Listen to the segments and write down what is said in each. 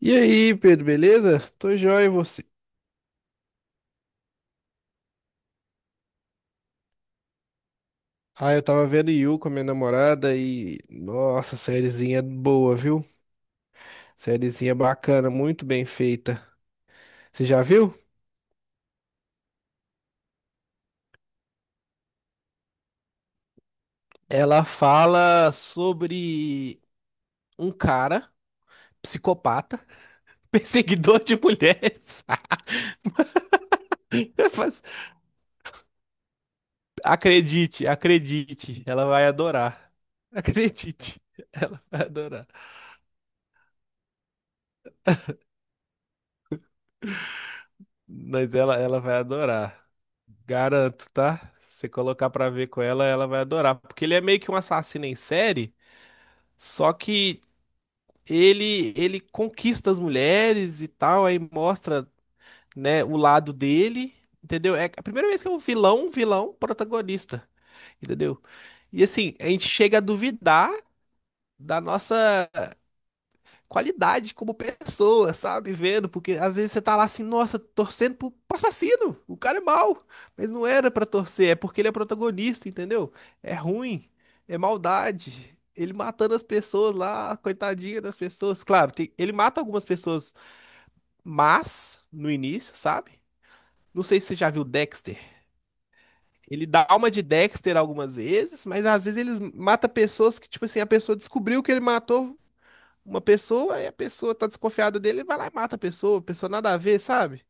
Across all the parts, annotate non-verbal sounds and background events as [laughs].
E aí, Pedro, beleza? Tô joia, e você? Ah, eu tava vendo You com a minha namorada Nossa, sériezinha boa, viu? Sériezinha bacana, muito bem feita. Você já viu? Ela fala sobre um cara, psicopata, [laughs] perseguidor de mulheres. [laughs] Mas acredite, ela vai adorar. Acredite, ela vai adorar. Mas ela vai adorar. Garanto, tá? Se você colocar pra ver com ela, ela vai adorar. Porque ele é meio que um assassino em série, só que ele conquista as mulheres e tal, aí mostra, né, o lado dele, entendeu? É a primeira vez que é um vilão protagonista, entendeu? E assim, a gente chega a duvidar da nossa qualidade como pessoa, sabe? Vendo, porque às vezes você tá lá assim, nossa, torcendo pro assassino, o cara é mau, mas não era pra torcer, é porque ele é protagonista, entendeu? É ruim, é maldade. Ele matando as pessoas lá, coitadinha das pessoas. Claro, ele mata algumas pessoas, mas no início, sabe? Não sei se você já viu Dexter. Ele dá alma de Dexter algumas vezes, mas às vezes ele mata pessoas que, tipo assim, a pessoa descobriu que ele matou uma pessoa, aí a pessoa tá desconfiada dele, ele vai lá e mata a pessoa nada a ver, sabe?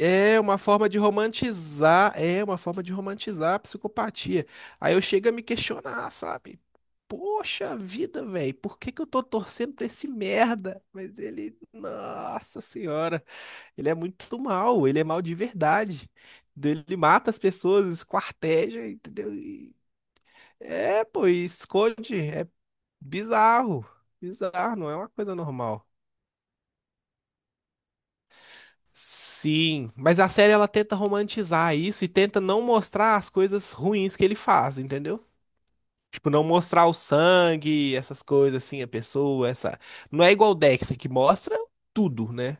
É uma forma de romantizar, é uma forma de romantizar a psicopatia. Aí eu chego a me questionar, sabe? Poxa vida, velho, por que que eu tô torcendo pra esse merda? Mas ele, nossa senhora, ele é muito mal, ele é mal de verdade. Entendeu? Ele mata as pessoas, esquarteja, entendeu? E esconde, é bizarro, bizarro, não é uma coisa normal. Sim, mas a série ela tenta romantizar isso e tenta não mostrar as coisas ruins que ele faz, entendeu? Tipo, não mostrar o sangue, essas coisas assim, a pessoa, essa. Não é igual o Dexter que mostra tudo, né?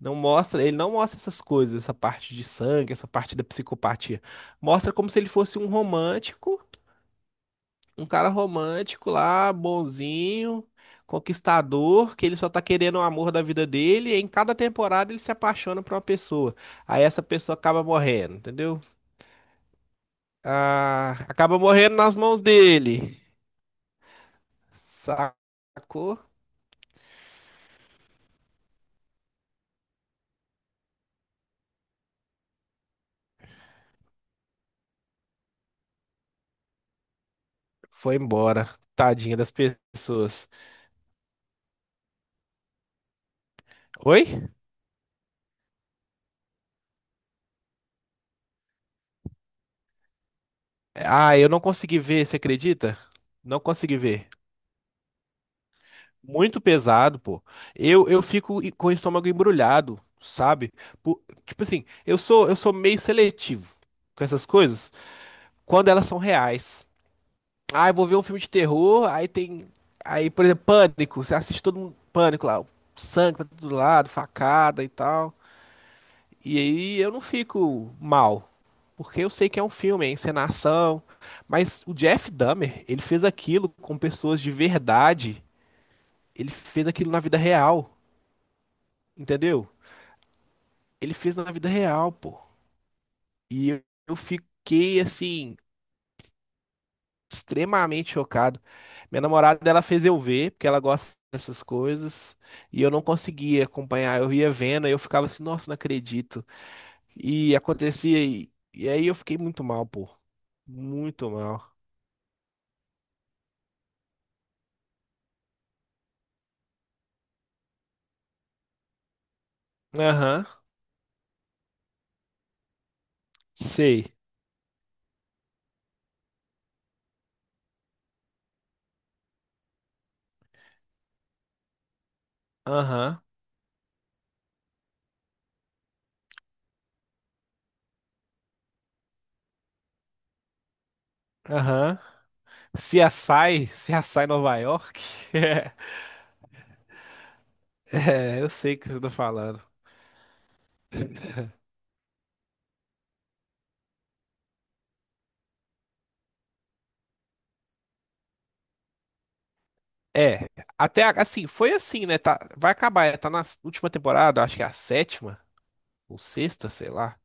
Não mostra, ele não mostra essas coisas, essa parte de sangue, essa parte da psicopatia. Mostra como se ele fosse um romântico, um cara romântico lá, bonzinho, conquistador, que ele só tá querendo o amor da vida dele, e em cada temporada ele se apaixona por uma pessoa. Aí essa pessoa acaba morrendo, entendeu? Ah, acaba morrendo nas mãos dele. Sacou? Foi embora. Tadinha das pessoas. Oi? Ah, eu não consegui ver, você acredita? Não consegui ver. Muito pesado, pô. Eu fico com o estômago embrulhado, sabe? Po- tipo assim, eu sou meio seletivo com essas coisas quando elas são reais. Ah, eu vou ver um filme de terror, aí tem. Aí, por exemplo, Pânico. Você assiste todo mundo Pânico lá, sangue pra todo lado, facada e tal. E aí eu não fico mal, porque eu sei que é um filme, é encenação. Mas o Jeff Dahmer, ele fez aquilo com pessoas de verdade. Ele fez aquilo na vida real, entendeu? Ele fez na vida real, pô. E eu fiquei, assim, extremamente chocado. Minha namorada, ela fez eu ver, porque ela gosta dessas coisas, e eu não conseguia acompanhar. Eu ia vendo, e eu ficava assim, nossa, não acredito. E acontecia, e aí eu fiquei muito mal, pô. Muito mal. Aham, sei. Aham, aham. Se assai, se assai Nova York? [laughs] É, eu sei o que você tá falando. É, foi assim, né? Tá, vai acabar, é, tá na última temporada, acho que é a sétima ou sexta, sei lá.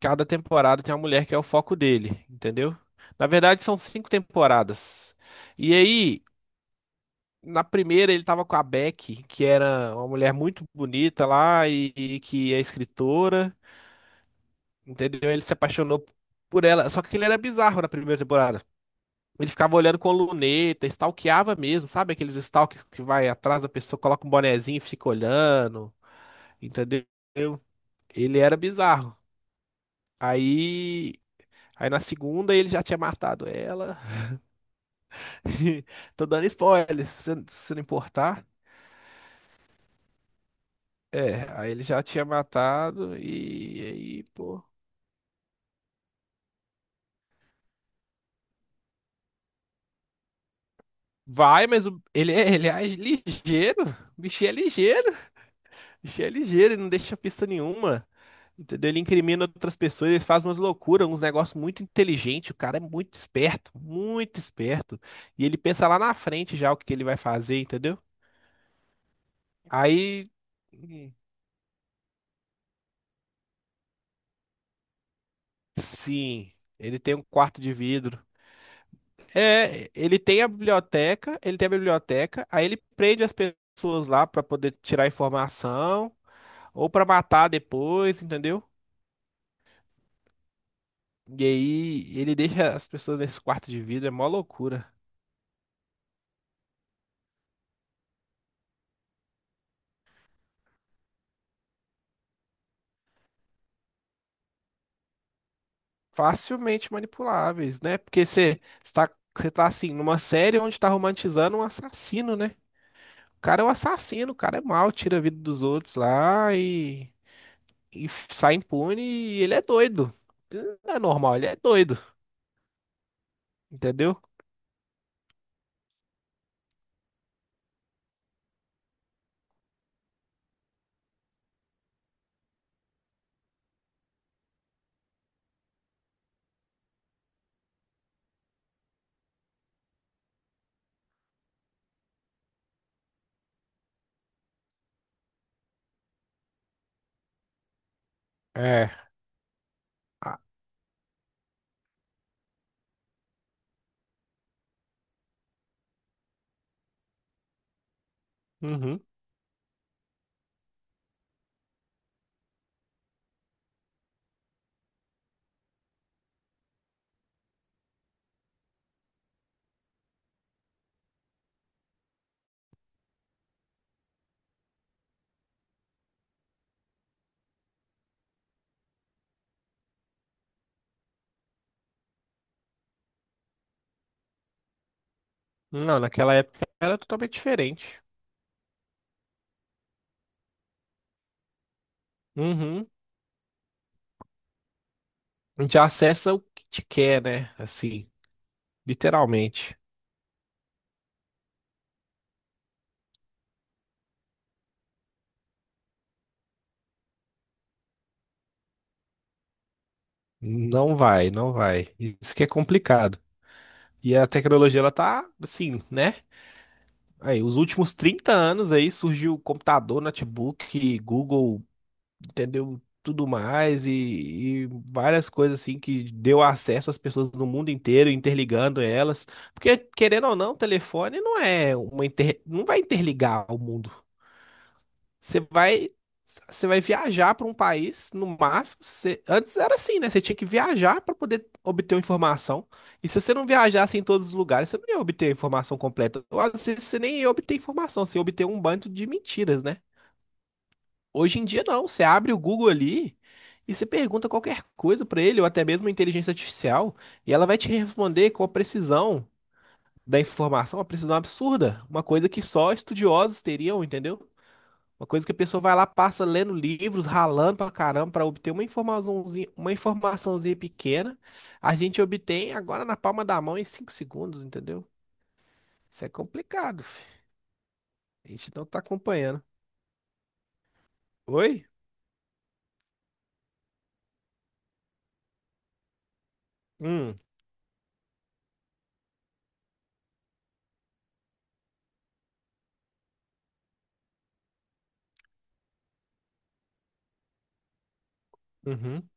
Cada temporada tem uma mulher que é o foco dele, entendeu? Na verdade, são cinco temporadas. E aí, na primeira, ele tava com a Beck, que era uma mulher muito bonita lá e que é escritora, entendeu? Ele se apaixonou por ela, só que ele era bizarro na primeira temporada. Ele ficava olhando com luneta, stalkeava mesmo, sabe? Aqueles stalks que vai atrás da pessoa, coloca um bonezinho e fica olhando, entendeu? Ele era bizarro. Aí, aí na segunda ele já tinha matado ela. [laughs] Tô dando spoiler, se você não importar. É, aí ele já tinha matado e aí, pô. Ele é, ele é ligeiro. O bichinho é ligeiro. Bicho é ligeiro, ele não deixa pista nenhuma. Entendeu? Ele incrimina outras pessoas, ele faz umas loucuras, uns negócios muito inteligentes. O cara é muito esperto, muito esperto. E ele pensa lá na frente já o que que ele vai fazer, entendeu? Aí, hum, sim, ele tem um quarto de vidro. É, ele tem a biblioteca, ele tem a biblioteca, aí ele prende as pessoas lá pra poder tirar informação ou pra matar depois, entendeu? E aí ele deixa as pessoas nesse quarto de vidro, é mó loucura. Facilmente manipuláveis, né? Porque você tá assim, numa série onde está romantizando um assassino, né? O cara é um assassino, o cara é mau, tira a vida dos outros lá e sai impune e ele é doido. Não é normal, ele é doido, entendeu? É. Ah, uhum. Não, naquela época era totalmente diferente. Uhum. A gente acessa o que te quer, né? Assim, literalmente. Não vai, não vai. Isso que é complicado. E a tecnologia, ela tá assim, né? Aí, os últimos 30 anos aí surgiu computador, notebook, Google, entendeu? Tudo mais e várias coisas assim que deu acesso às pessoas no mundo inteiro, interligando elas. Porque, querendo ou não, telefone não é uma não vai interligar o mundo. Você vai, Você vai viajar para um país, no máximo. Você- antes era assim, né? Você tinha que viajar para poder obter uma informação. E se você não viajasse em todos os lugares, você não ia obter a informação completa. Ou às vezes você nem ia obter informação, você ia obter um bando de mentiras, né? Hoje em dia, não. Você abre o Google ali e você pergunta qualquer coisa para ele, ou até mesmo a inteligência artificial, e ela vai te responder com a precisão da informação, uma precisão absurda. Uma coisa que só estudiosos teriam, entendeu? Uma coisa que a pessoa vai lá, passa lendo livros, ralando pra caramba pra obter uma informaçãozinha pequena, a gente obtém agora na palma da mão em 5 segundos, entendeu? Isso é complicado, fi. A gente não tá acompanhando. Oi? Hum, uhum.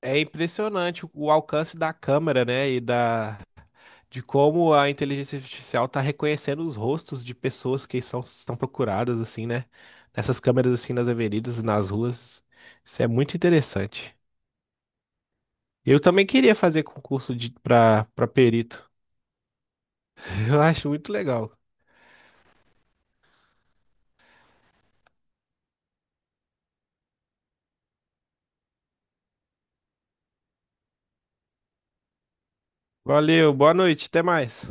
É impressionante o alcance da câmera, né? E da de como a inteligência artificial tá reconhecendo os rostos de pessoas que são, estão procuradas assim, né? Nessas câmeras assim nas avenidas, nas ruas. Isso é muito interessante. Eu também queria fazer concurso de para perito. [laughs] Eu acho muito legal. Valeu, boa noite, até mais.